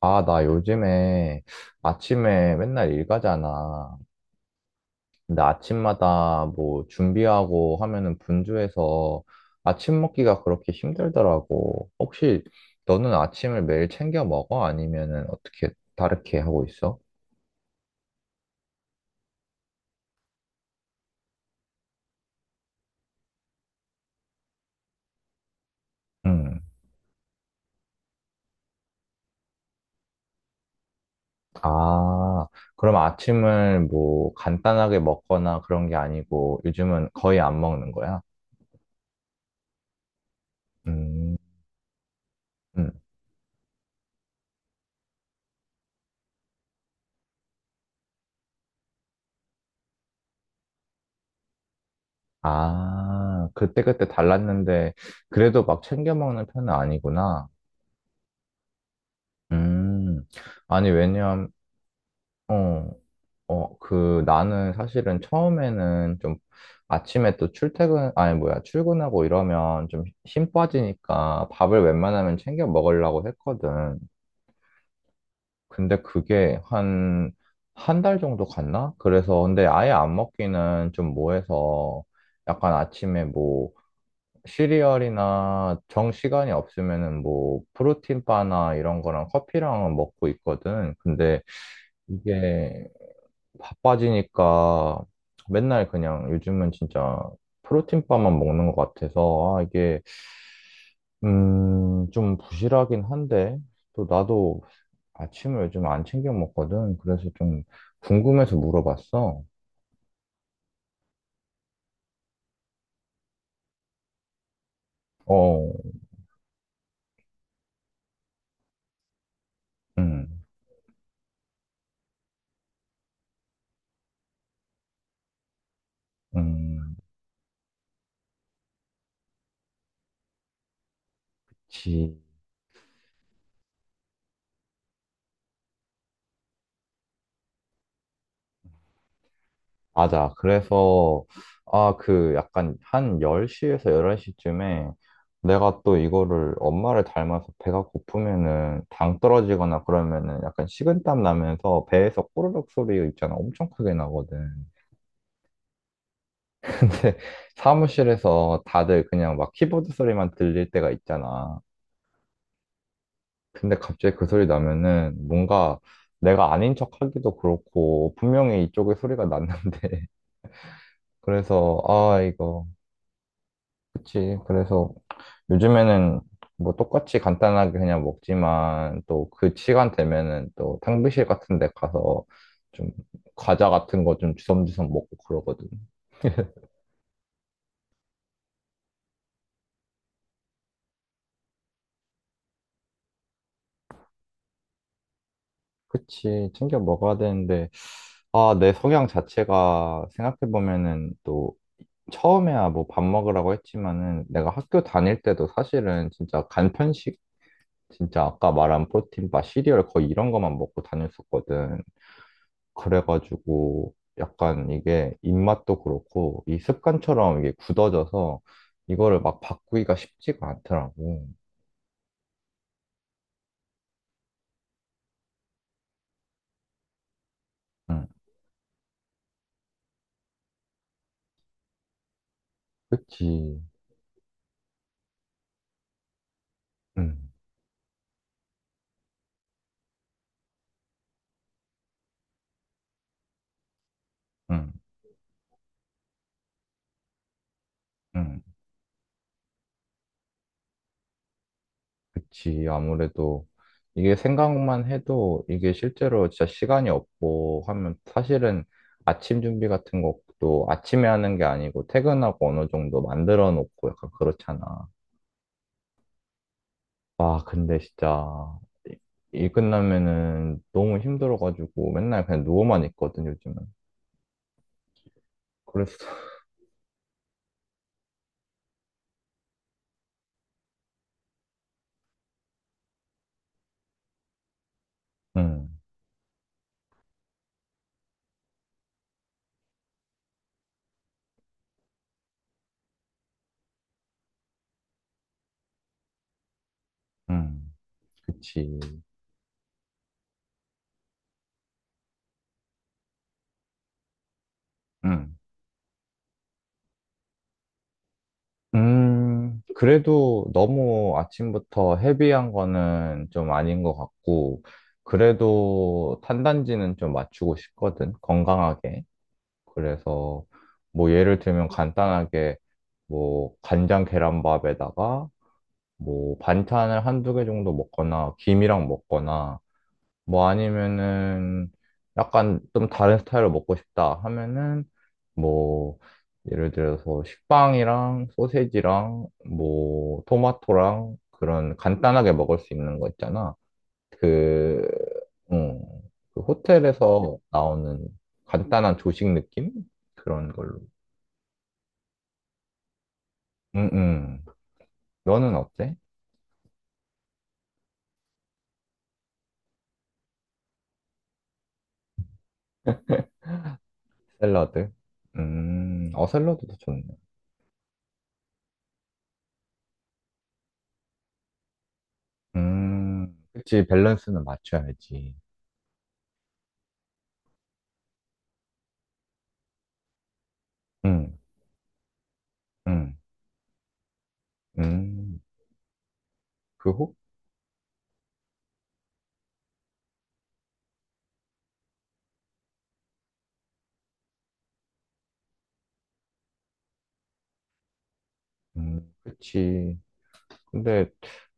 아, 나 요즘에 아침에 맨날 일 가잖아. 근데 아침마다 뭐 준비하고 하면은 분주해서 아침 먹기가 그렇게 힘들더라고. 혹시 너는 아침을 매일 챙겨 먹어? 아니면은 어떻게 다르게 하고 있어? 음. 아, 그럼 아침을 뭐 간단하게 먹거나 그런 게 아니고 요즘은 거의 안 먹는 거야? 음. 음. 아, 그때그때 달랐는데 그래도 막 챙겨 먹는 편은 아니구나. 음, 아니, 왜냐면, 어, 나는 사실은 처음에는 좀 아침에 또 출퇴근, 아니, 뭐야, 출근하고 이러면 좀 힘 빠지니까 밥을 웬만하면 챙겨 먹으려고 했거든. 근데 그게 한 달 정도 갔나? 그래서, 근데 아예 안 먹기는 좀 뭐해서 약간 아침에 뭐, 시리얼이나 정 시간이 없으면은 뭐, 프로틴바나 이런 거랑 커피랑은 먹고 있거든. 근데 이게 바빠지니까 맨날 그냥 요즘은 진짜 프로틴바만 먹는 것 같아서. 이게 음 좀 부실하긴 한데, 또 나도 아침을 요즘 안 챙겨 먹거든. 그래서 좀 궁금해서 물어봤어. 어음음 맞아. 그래서, 아, 약간 한 10시에서 11시쯤에, 내가 또 이거를 엄마를 닮아서 배가 고프면은 당 떨어지거나 그러면은 약간 식은땀 나면서 배에서 꼬르륵 소리 있잖아. 엄청 크게 나거든. 근데 사무실에서 다들 그냥 막 키보드 소리만 들릴 때가 있잖아. 근데 갑자기 그 소리 나면은 뭔가 내가 아닌 척 하기도 그렇고, 분명히 이쪽에 소리가 났는데 그래서 아 이거. 그치. 그래서 요즘에는 뭐 똑같이 간단하게 그냥 먹지만, 또 그 시간 되면은 또 탕비실 같은 데 가서 좀 과자 같은 거 좀 주섬주섬 먹고 그러거든. 그치. 챙겨 먹어야 되는데, 아, 내 성향 자체가 생각해보면은, 또 처음에야 뭐 밥 먹으라고 했지만은 내가 학교 다닐 때도 사실은 진짜 간편식, 진짜 아까 말한 프로틴바, 시리얼 거의 이런 거만 먹고 다녔었거든. 그래가지고 약간 이게 입맛도 그렇고 이 습관처럼 이게 굳어져서 이거를 막 바꾸기가 쉽지가 않더라고. 응, 그치. 응, 응, 응, 그치. 아무래도 이게, 생각만 해도 이게 실제로 진짜 시간이 없고 하면 사실은 아침 준비 같은 것도 아침에 하는 게 아니고 퇴근하고 어느 정도 만들어 놓고 약간 그렇잖아. 와, 근데 진짜 일 끝나면은 너무 힘들어가지고 맨날 그냥 누워만 있거든, 요즘은. 그래서, 음, 음, 그치. 음, 그래도 너무 아침부터 헤비한 거는 좀 아닌 것 같고, 그래도 탄단지는 좀 맞추고 싶거든, 건강하게. 그래서 뭐 예를 들면 간단하게, 뭐 간장 계란밥에다가 뭐 반찬을 한두 개 정도 먹거나 김이랑 먹거나, 뭐 아니면은 약간 좀 다른 스타일로 먹고 싶다 하면은 뭐 예를 들어서 식빵이랑 소세지랑 뭐 토마토랑, 그런 간단하게 먹을 수 있는 거 있잖아. 그, 음, 그 호텔에서 나오는 간단한 조식 느낌? 그런 걸로. 음, 음. 너는 어때? 샐러드? 샐러드도 좋네. 그치, 밸런스는 맞춰야지. 응, 응, 응. 그 혹? 그치. 근데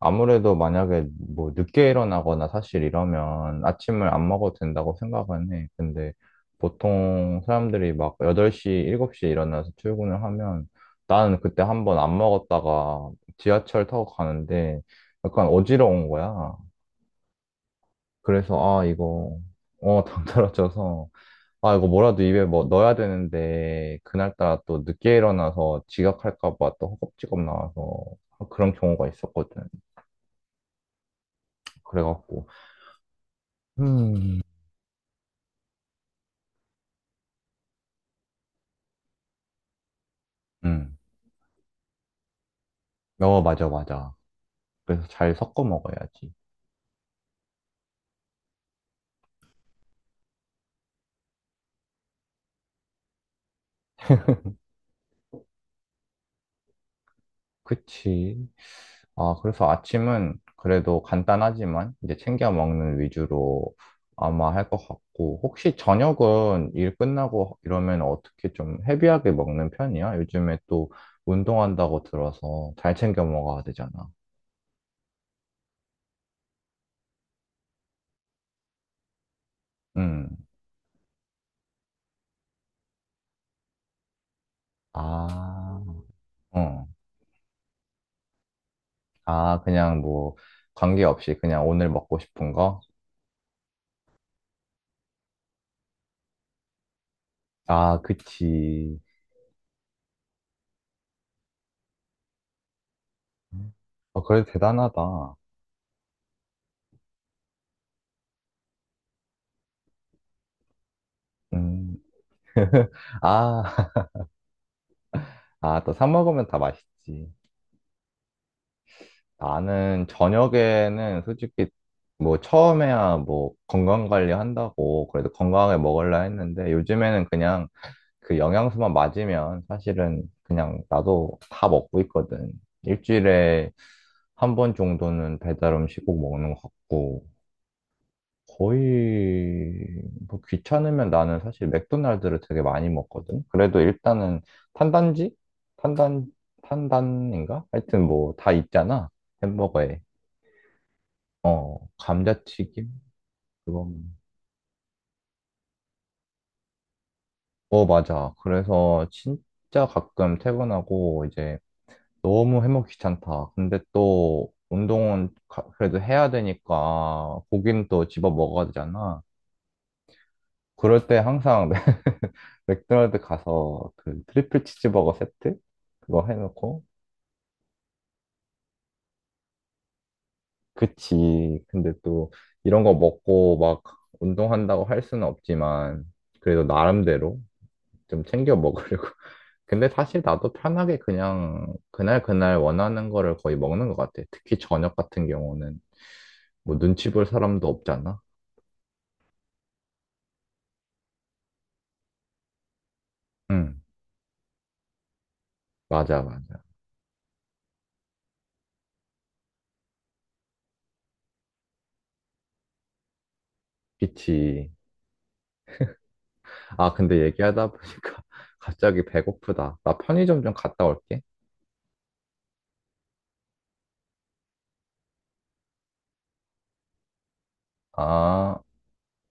아무래도 만약에 뭐 늦게 일어나거나, 사실 이러면 아침을 안 먹어도 된다고 생각은 해. 근데 보통 사람들이 막 8시, 7시에 일어나서 출근을 하면, 나는 그때 한번 안 먹었다가 지하철 타고 가는데 약간 어지러운 거야. 그래서 아, 이거, 어, 당 떨어져서. 아, 이거 뭐라도 입에 뭐 넣어야 되는데, 그날따라 또 늦게 일어나서 지각할까 봐 또 허겁지겁 나와서, 아, 그런 경우가 있었거든. 그래갖고, 음, 음, 어, 맞아, 맞아. 그래서 잘 섞어 먹어야지. 그치. 아, 그래서 아침은 그래도 간단하지만 이제 챙겨 먹는 위주로 아마 할 것 같고, 혹시 저녁은 일 끝나고 이러면 어떻게 좀 헤비하게 먹는 편이야? 요즘에 또 운동한다고 들어서 잘 챙겨 먹어야 되잖아. 음. 아, 어. 아, 그냥 뭐 관계없이 그냥 오늘 먹고 싶은 거? 아, 그치. 아, 그래도 대단하다. 음. 아, 아, 또 사 먹으면 다 맛있지. 나는 저녁에는 솔직히, 뭐 처음에야 뭐 건강 관리 한다고 그래도 건강하게 먹으려 했는데, 요즘에는 그냥 그 영양소만 맞으면 사실은 그냥 나도 다 먹고 있거든. 일주일에 한 번 정도는 배달 음식 꼭 먹는 것 같고, 거의 뭐 귀찮으면 나는 사실 맥도날드를 되게 많이 먹거든. 그래도 일단은 탄단지? 탄단, 탄단인가? 하여튼 뭐 다 있잖아, 햄버거에. 어, 감자튀김? 그거. 어, 맞아. 그래서 진짜 가끔 퇴근하고 이제 너무 해먹기 귀찮다. 근데 또 운동은 그래도 해야 되니까 고기는 또 집어 먹어야 되잖아. 그럴 때 항상 맥도날드 가서 그 트리플 치즈버거 세트 그거 해놓고. 그치. 근데 또 이런 거 먹고 막 운동한다고 할 수는 없지만 그래도 나름대로 좀 챙겨 먹으려고 근데 사실 나도 편하게 그냥 그날 그날 원하는 거를 거의 먹는 것 같아, 특히 저녁 같은 경우는. 뭐 눈치 볼 사람도 없잖아. 응, 맞아, 맞아, 그치. 아, 근데 얘기하다 보니까 갑자기 배고프다. 나 편의점 좀 갔다 올게. 아,